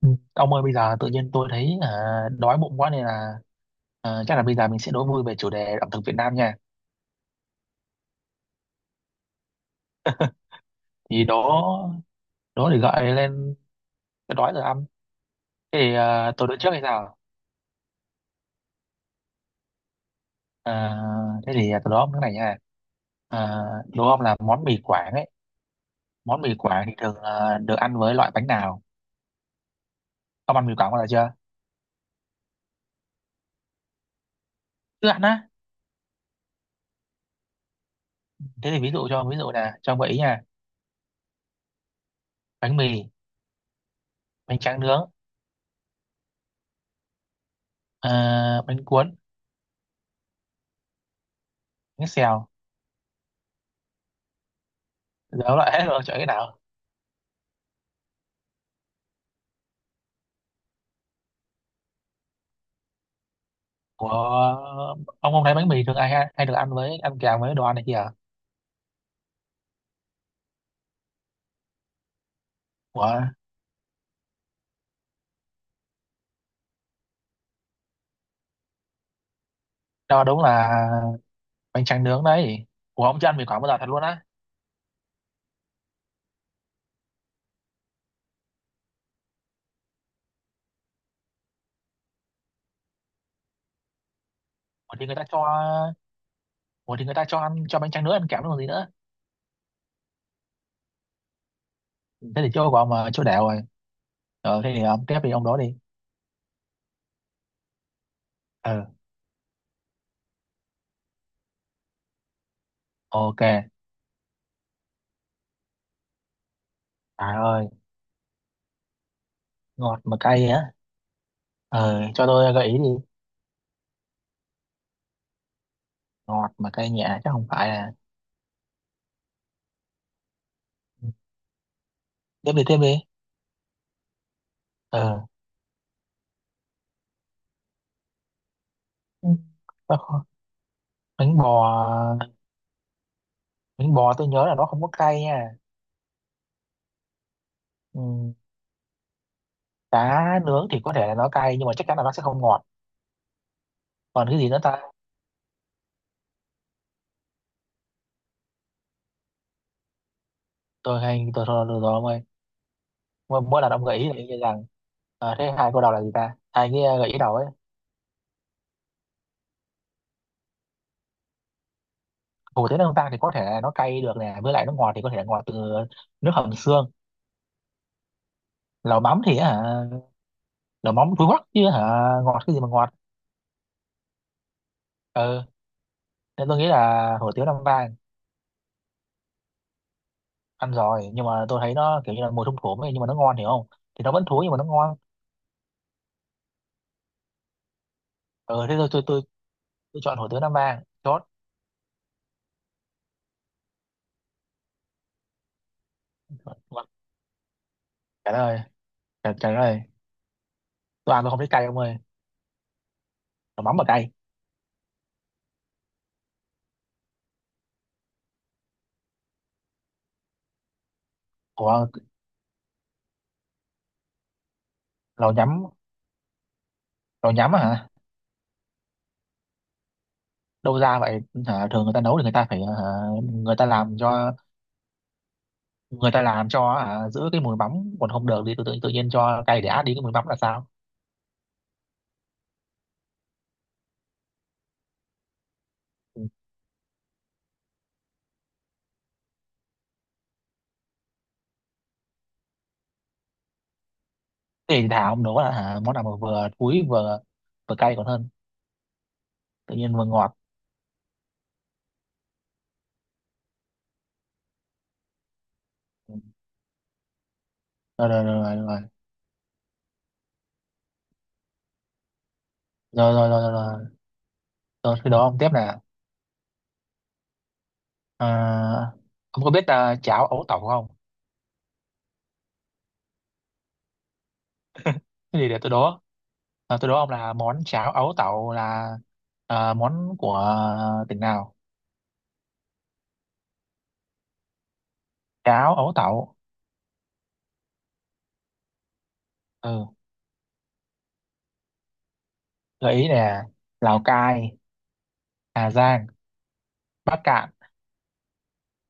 Ừ. Ông ơi bây giờ tự nhiên tôi thấy đói bụng quá nên là chắc là bây giờ mình sẽ đố vui về chủ đề ẩm thực Việt Nam nha. Thì đố đố để gọi lên cái đói rồi ăn. Thế thì tôi đố trước hay sao? À, thế thì tôi đố ông cái này nha. À, đố ông là món mì Quảng ấy. Món mì Quảng thì thường là được ăn với loại bánh nào? Ông ăn mì Quảng bao giờ chưa? Chưa ăn á. Thế thì ví dụ cho ví dụ là cho ông gợi ý nha. Bánh mì, bánh tráng nướng, bánh cuốn, bánh xèo. Giờ ông loại hết rồi chọn cái nào? Ủa, ông không thấy bánh mì thường ai hay được ăn với ăn kèm với đồ ăn này kìa. Ủa, đó đúng là bánh tráng nướng đấy. Ủa, ông chưa ăn mì Quảng bao giờ thật luôn á. Ủa thì người ta cho Ủa thì người ta cho ăn cho bánh tráng nướng ăn kèm còn gì nữa. Thế thì chỗ của ông mà chỗ đẻo rồi. Ờ, thế thì ông tiếp đi ông đó đi. Ờ, ok. Trời ơi, ngọt mà cay á. Ờ, cho tôi gợi ý đi. Ngọt mà cay nhẹ chứ không phải là. Tiếp đi, tiếp đi. Ờ, ừ, bánh bò. Bánh bò tôi nhớ là nó không có cay nha. Ừ, cá nướng thì có thể là nó cay nhưng mà chắc chắn là nó sẽ không ngọt. Còn cái gì nữa ta. Tôi thôi được rồi ông ơi. Mỗi mỗi lần ông gợi ý là y như rằng. Thế hai câu đầu là gì ta, hai cái gợi ý đầu ấy. Hủ tiếu nướng vang thì có thể là nó cay được nè, với lại nó ngọt thì có thể là ngọt từ nước hầm xương. Lẩu mắm thì hả, lẩu mắm túi hoắc chứ hả, ngọt cái gì mà ngọt. Ừ, nên tôi nghĩ là hủ tiếu nam vang. Ăn rồi nhưng mà tôi thấy nó kiểu như là mùi thum thủm ấy, nhưng mà nó ngon hiểu không. Thì nó vẫn thúi nhưng mà nó ngon. Ừ thế Tôi tôi chọn hủ tiếu nam vang chốt. Vâng, trả lời, trả lời. Tôi ăn tôi không thấy cay ông ơi. Đồ mắm mà cay. Ủa, lẩu nhắm lẩu nhắm á hả, đâu ra vậy. Thường người ta nấu thì người ta phải người ta làm cho, người ta làm cho giữ cái mùi mắm, còn không được thì tự nhiên cho cay để át đi cái mùi mắm là sao. Thế thì thả ông nấu là món nào mà vừa thúi vừa vừa cay còn hơn tự nhiên vừa ngọt. Ừ. rồi rồi rồi rồi rồi rồi rồi rồi, rồi. Rồi cái đó ông tiếp là à, ông có biết cháo ấu tẩu không. Cái gì để tôi đố. Ờ, tôi đố ông là món cháo ấu tẩu là món của tỉnh nào? Cháo ấu tẩu. Ừ. Gợi ý nè. Lào Cai, Hà Giang, Bắc Cạn,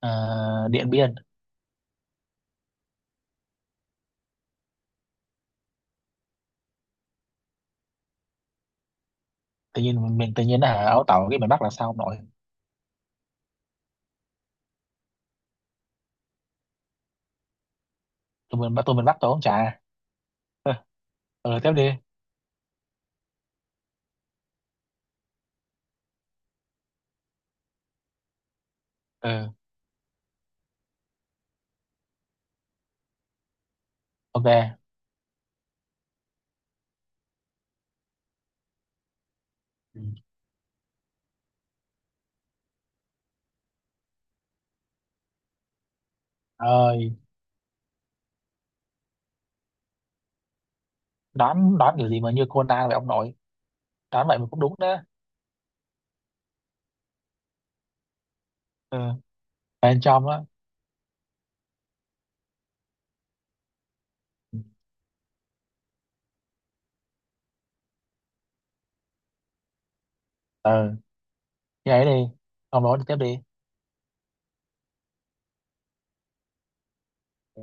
ờ, Điện Biên. Tự nhiên là ấu tẩu cái miền Bắc là sao ông nội? Tôi miền Bắc tôi không trả. Ừ, tiếp đi. Ừ. Ok. Ừ. Ơi, đoán đoán kiểu gì mà như Conan vậy ông nội? Đoán vậy mà cũng đúng đó. Ừ. Bên trong á. Ừ. Như ấy đi. Ông nói tiếp đi. Ừ.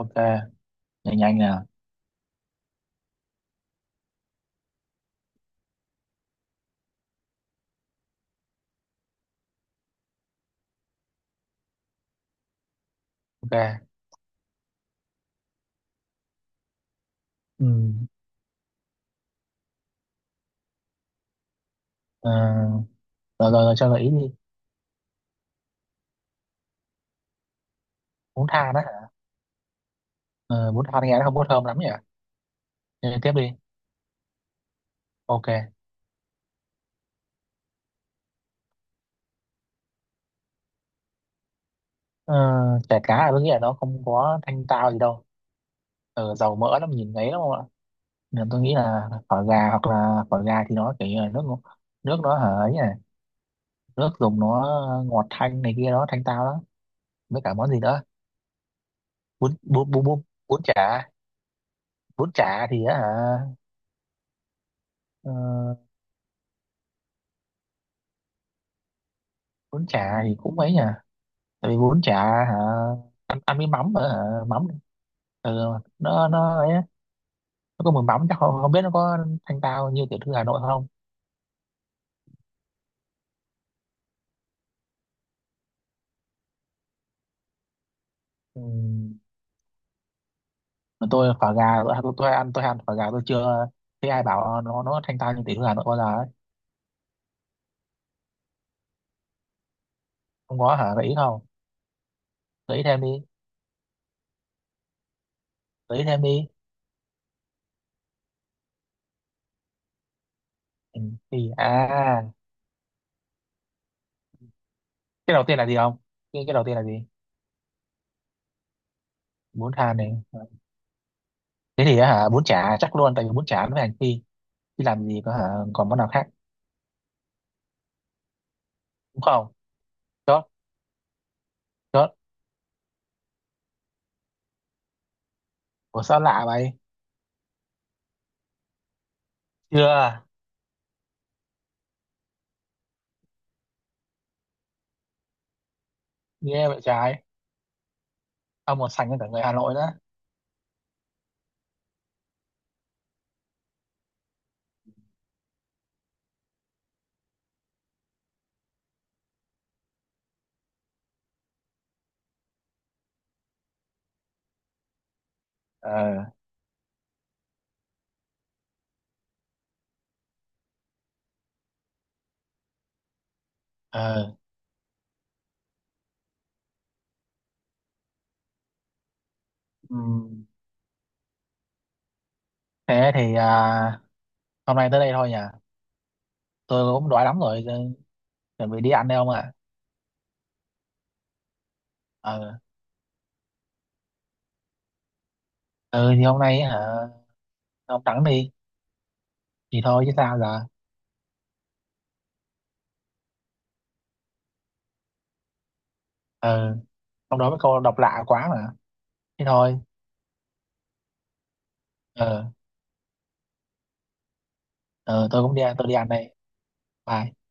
Ok. Nhanh nhanh nè. Ok. Ừ. Ờ, rồi, rồi, rồi cho gợi ý đi. Bún than đó hả? Ờ, bún than nghe nó không có thơm lắm nhỉ. Thế thì tiếp đi. Ok. Ờ, chả cá là tôi nghĩ là nó không có thanh tao gì đâu. Ờ, dầu mỡ lắm nhìn ngấy lắm không ạ. Nên tôi nghĩ là phở gà, hoặc là phở gà thì nó kiểu như là nước ngọt- nước nó hở ấy nhỉ, nước dùng nó ngọt thanh này kia đó thanh tao đó. Với cả món gì nữa. Bún bún bún bún bún chả. Bún chả thì á hả. Ờ, bún chả thì cũng ấy nhỉ, tại vì bún chả hả, ăn, ăn với mắm hả, mắm. Ừ, nó ấy á, nó có mùi mắm chắc không, không biết nó có thanh tao như tiểu thư Hà Nội không. Ừ. Mà tôi phở gà tôi ăn phở gà tôi chưa thấy ai bảo nó thanh tao như tiểu thư Hà Nội bao giờ ấy. Không có hả gợi ý không. gợi ý thêm đi Gợi ý thêm đi. Ừ, thì à Cái đầu tiên là gì không, cái đầu tiên là gì. Bún thàn này. Thế thì hả bún chả chắc luôn, tại vì bún chả nó phải hành phi chứ làm gì có hả. Còn món nào khác. Đúng không. Chốt. Chốt. Ủa sao lạ vậy. Chưa. Nghe vậy trái. Ông một sành cả người Hà Nội đó. Ờ. Ờ, ừm, thế thì hôm nay tới đây thôi nhỉ. Tôi cũng đói lắm rồi, tôi chuẩn bị đi ăn đây ông ạ. Ờ, ừ thì hôm nay hả, ông thẳng đi, thì thôi chứ sao giờ. Ờ, ông nói với câu độc lạ quá mà. Thế thôi, ờ, tôi đi ăn đây. Bye.